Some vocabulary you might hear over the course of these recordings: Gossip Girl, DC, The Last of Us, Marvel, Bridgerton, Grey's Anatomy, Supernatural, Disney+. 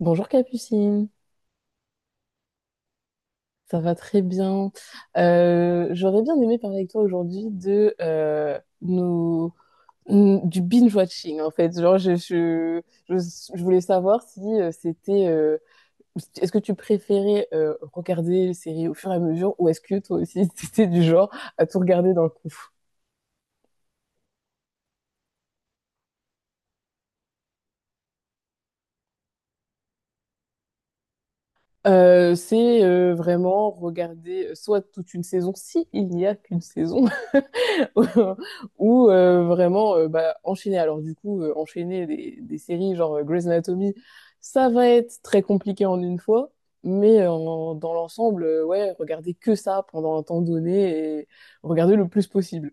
Bonjour Capucine, ça va très bien. J'aurais bien aimé parler avec toi aujourd'hui de nos, du binge-watching en fait. Genre, je, je voulais savoir si c'était, est-ce que tu préférais regarder les séries au fur et à mesure ou est-ce que toi aussi c'était du genre à tout regarder d'un coup? C'est vraiment regarder soit toute une saison, si il n'y a qu'une saison, ou vraiment enchaîner. Alors du coup, enchaîner des séries genre Grey's Anatomy, ça va être très compliqué en une fois, mais dans l'ensemble, ouais, regarder que ça pendant un temps donné et regarder le plus possible.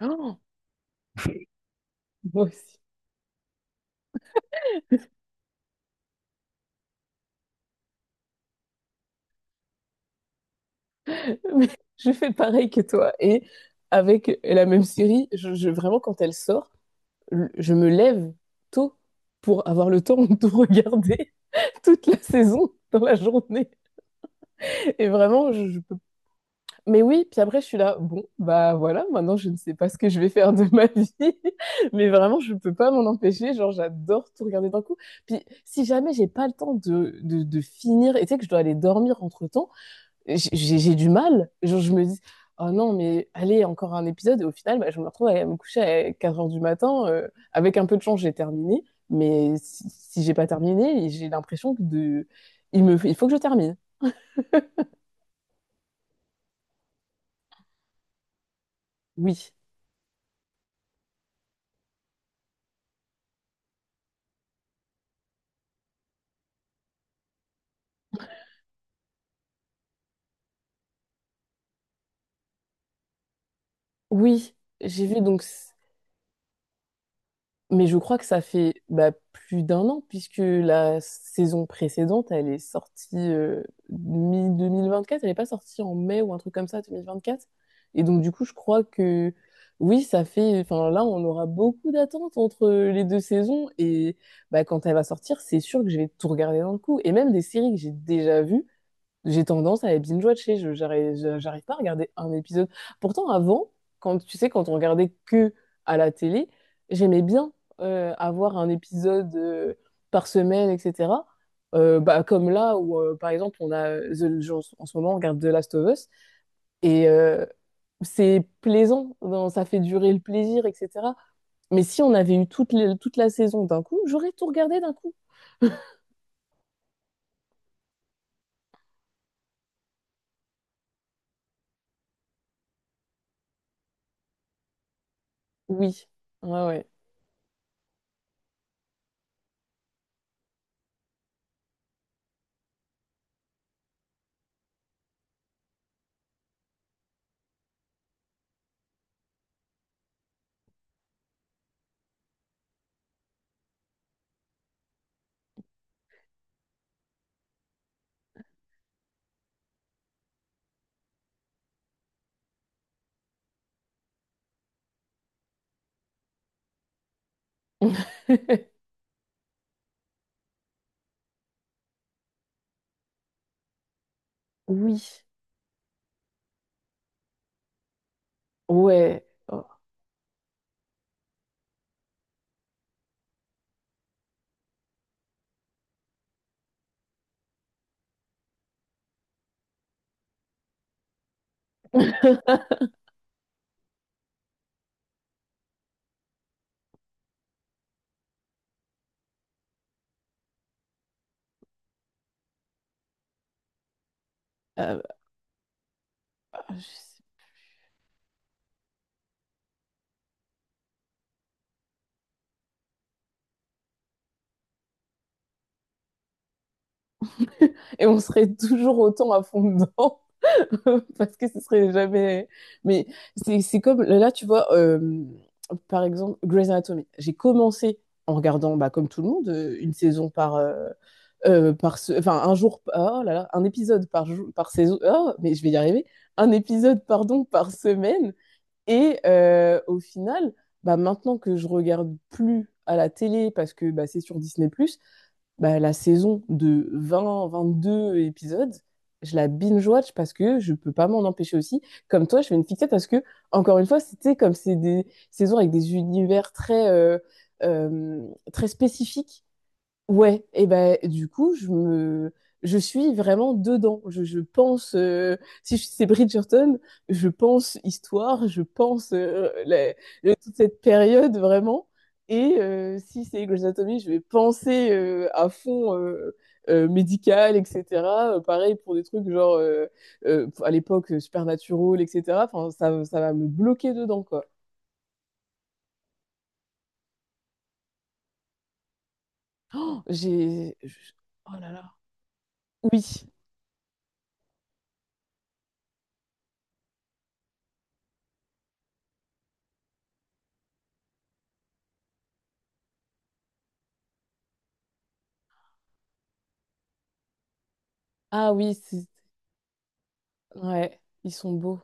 Oh, moi aussi. Mais je fais pareil que toi. Et avec la même série, vraiment quand elle sort, je me lève tôt pour avoir le temps de regarder toute la saison dans la journée. Et vraiment, je peux. Mais oui, puis après, je suis là, bon, bah voilà, maintenant je ne sais pas ce que je vais faire de ma vie, mais vraiment, je peux pas m'en empêcher, genre j'adore tout regarder d'un coup. Puis si jamais j'ai pas le temps de finir, et tu sais que je dois aller dormir entre-temps, j'ai j'ai du mal, genre je me dis, oh non, mais allez, encore un épisode, et au final, bah, je me retrouve à me coucher à 4 heures du matin, avec un peu de chance, j'ai terminé, mais si j'ai pas terminé, j'ai l'impression que de... il me... il faut que je termine. Oui, oui, j'ai vu donc... Mais je crois que ça fait bah, plus d'un an, puisque la saison précédente, elle est sortie mi-2024, elle n'est pas sortie en mai ou un truc comme ça, 2024. Et donc, du coup, je crois que oui, ça fait. Enfin, là, on aura beaucoup d'attentes entre les deux saisons. Et bah, quand elle va sortir, c'est sûr que je vais tout regarder d'un coup. Et même des séries que j'ai déjà vues, j'ai tendance à les binge-watcher, j'arrive pas à regarder un épisode. Pourtant, avant, quand tu sais, quand on regardait que à la télé, j'aimais bien avoir un épisode par semaine, etc. Bah, comme là où, par exemple, on a genre, en ce moment, on regarde The Last of Us et c'est plaisant, ça fait durer le plaisir, etc. Mais si on avait eu toute la saison d'un coup, j'aurais tout regardé d'un coup. Oui, ouais, ouais. Oui, ouais. Euh, et on serait toujours autant à fond dedans parce que ce serait jamais. Mais c'est comme là, tu vois, par exemple, Grey's Anatomy. J'ai commencé en regardant, bah, comme tout le monde, une saison par. Par ce... Enfin, un jour, oh là là, un épisode par jour, par saison, oh, mais je vais y arriver, un épisode, pardon, par semaine, et au final, bah, maintenant que je regarde plus à la télé parce que bah, c'est sur Disney+, bah, la saison de 20, 22 épisodes, je la binge-watch parce que je peux pas m'en empêcher aussi. Comme toi, je fais une fixette parce que, encore une fois, c'était comme c'est des saisons avec des univers euh, très spécifiques. Ouais, et ben du coup, je suis vraiment dedans. Je pense si c'est Bridgerton, je pense histoire, je pense toute cette période vraiment et si c'est Grey's Anatomy, je vais penser à fond médical, etc. Pareil pour des trucs genre à l'époque Supernatural, etc. Enfin, ça va me bloquer dedans quoi. J'ai je- oh là là. Oui. Ah oui, c'est ouais, ils sont beaux.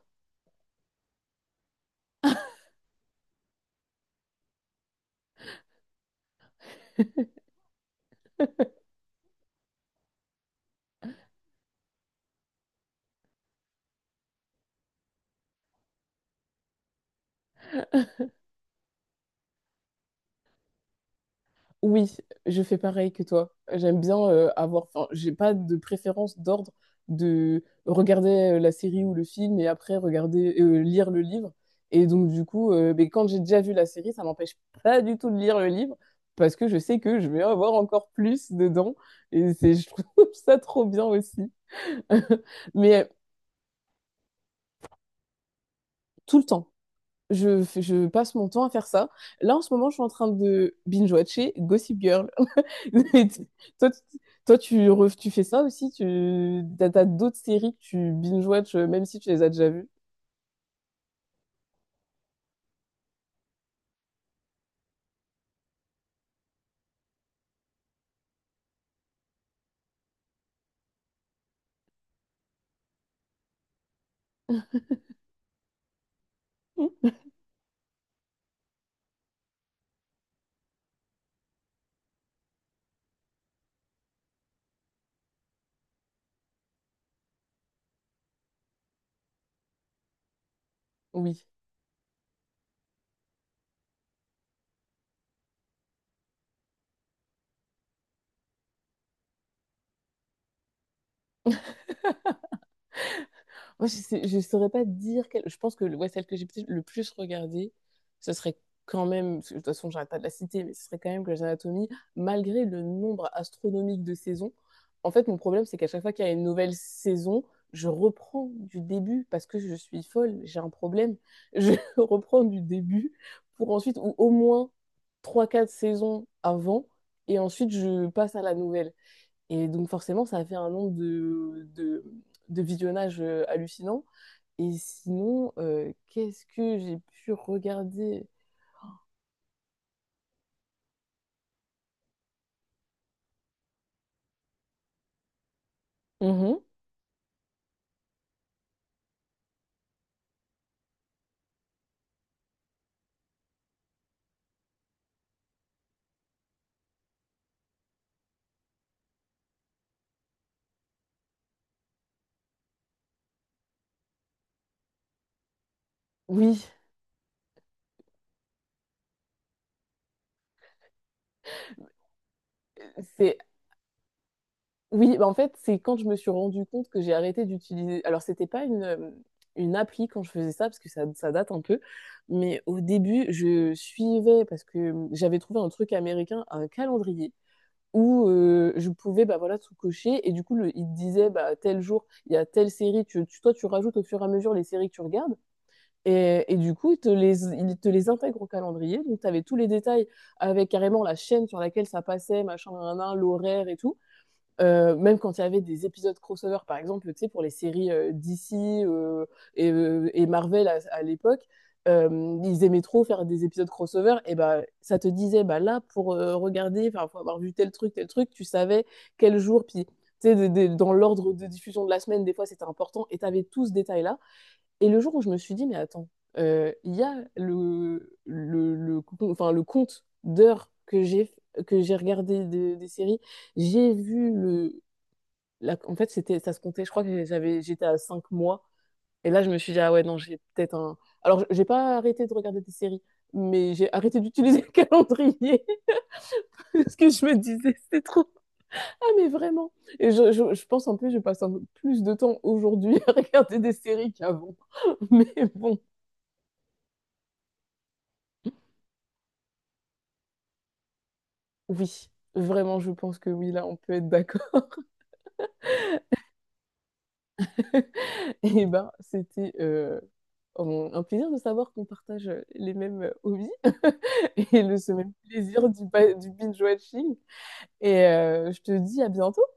Oui, je fais pareil que toi. J'aime bien avoir. Enfin, j'ai pas de préférence d'ordre de regarder la série ou le film et après regarder lire le livre. Et donc du coup, mais quand j'ai déjà vu la série, ça m'empêche pas du tout de lire le livre parce que je sais que je vais avoir encore plus dedans. Et c'est, je trouve ça trop bien aussi. Mais tout le temps, je passe mon temps à faire ça. Là en ce moment, je suis en train de binge-watcher Gossip Girl. Toi, tu, Tu fais ça aussi? T'as d'autres séries que tu binge-watch, même si tu les as déjà vues? Hmm. Oui. Moi, saurais pas dire quelle. Je pense que ouais, celle que j'ai peut-être le plus regardée, ce serait quand même. Parce que de toute façon, j'arrête pas de la citer, mais ce serait quand même Grey's Anatomy, malgré le nombre astronomique de saisons. En fait, mon problème, c'est qu'à chaque fois qu'il y a une nouvelle saison, je reprends du début parce que je suis folle, j'ai un problème. Je reprends du début pour ensuite, ou au moins trois quatre saisons avant, et ensuite je passe à la nouvelle. Et donc forcément, ça a fait un nombre de visionnages hallucinant. Et sinon, qu'est-ce que j'ai pu regarder? Mhm. Oui, c'est oui, bah, en fait, c'est quand je me suis rendu compte que j'ai arrêté d'utiliser. Alors, c'était pas une appli quand je faisais ça, parce que ça date un peu. Mais au début, je suivais, parce que j'avais trouvé un truc américain, un calendrier, où je pouvais bah, voilà, tout cocher. Et du coup, il te disait, bah, tel jour, il y a telle série. Toi, tu rajoutes au fur et à mesure les séries que tu regardes. Et du coup, il te les intègre au calendrier. Donc, tu avais tous les détails avec carrément la chaîne sur laquelle ça passait, machin, nan, l'horaire et tout. Même quand il y avait des épisodes crossover, par exemple, tu sais, pour les séries DC et Marvel à l'époque, ils aimaient trop faire des épisodes crossover. Et bah, ça te disait, bah là, pour regarder, enfin, pour avoir vu tel truc, tu savais quel jour, puis. Tu sais, dans l'ordre de diffusion de la semaine, des fois c'était important et tu avais tout ce détail-là. Et le jour où je me suis dit, mais attends, il y a enfin, le compte d'heures que j'ai regardé des séries, j'ai vu en fait, c'était, ça se comptait. Je crois que j'avais, j'étais à 5 mois. Et là, je me suis dit, ah ouais, non, j'ai peut-être un. Alors, j'ai pas arrêté de regarder des séries, mais j'ai arrêté d'utiliser le calendrier. Parce que je me disais, c'est trop. Ah, mais vraiment. Et je pense en plus, je passe un peu plus de temps aujourd'hui à regarder des séries qu'avant. Mais bon, oui, vraiment, je pense que oui, là, on peut être d'accord. Et ben, c'était un plaisir de savoir qu'on partage les mêmes hobbies et ce même plaisir du, du binge-watching. Et je te dis à bientôt.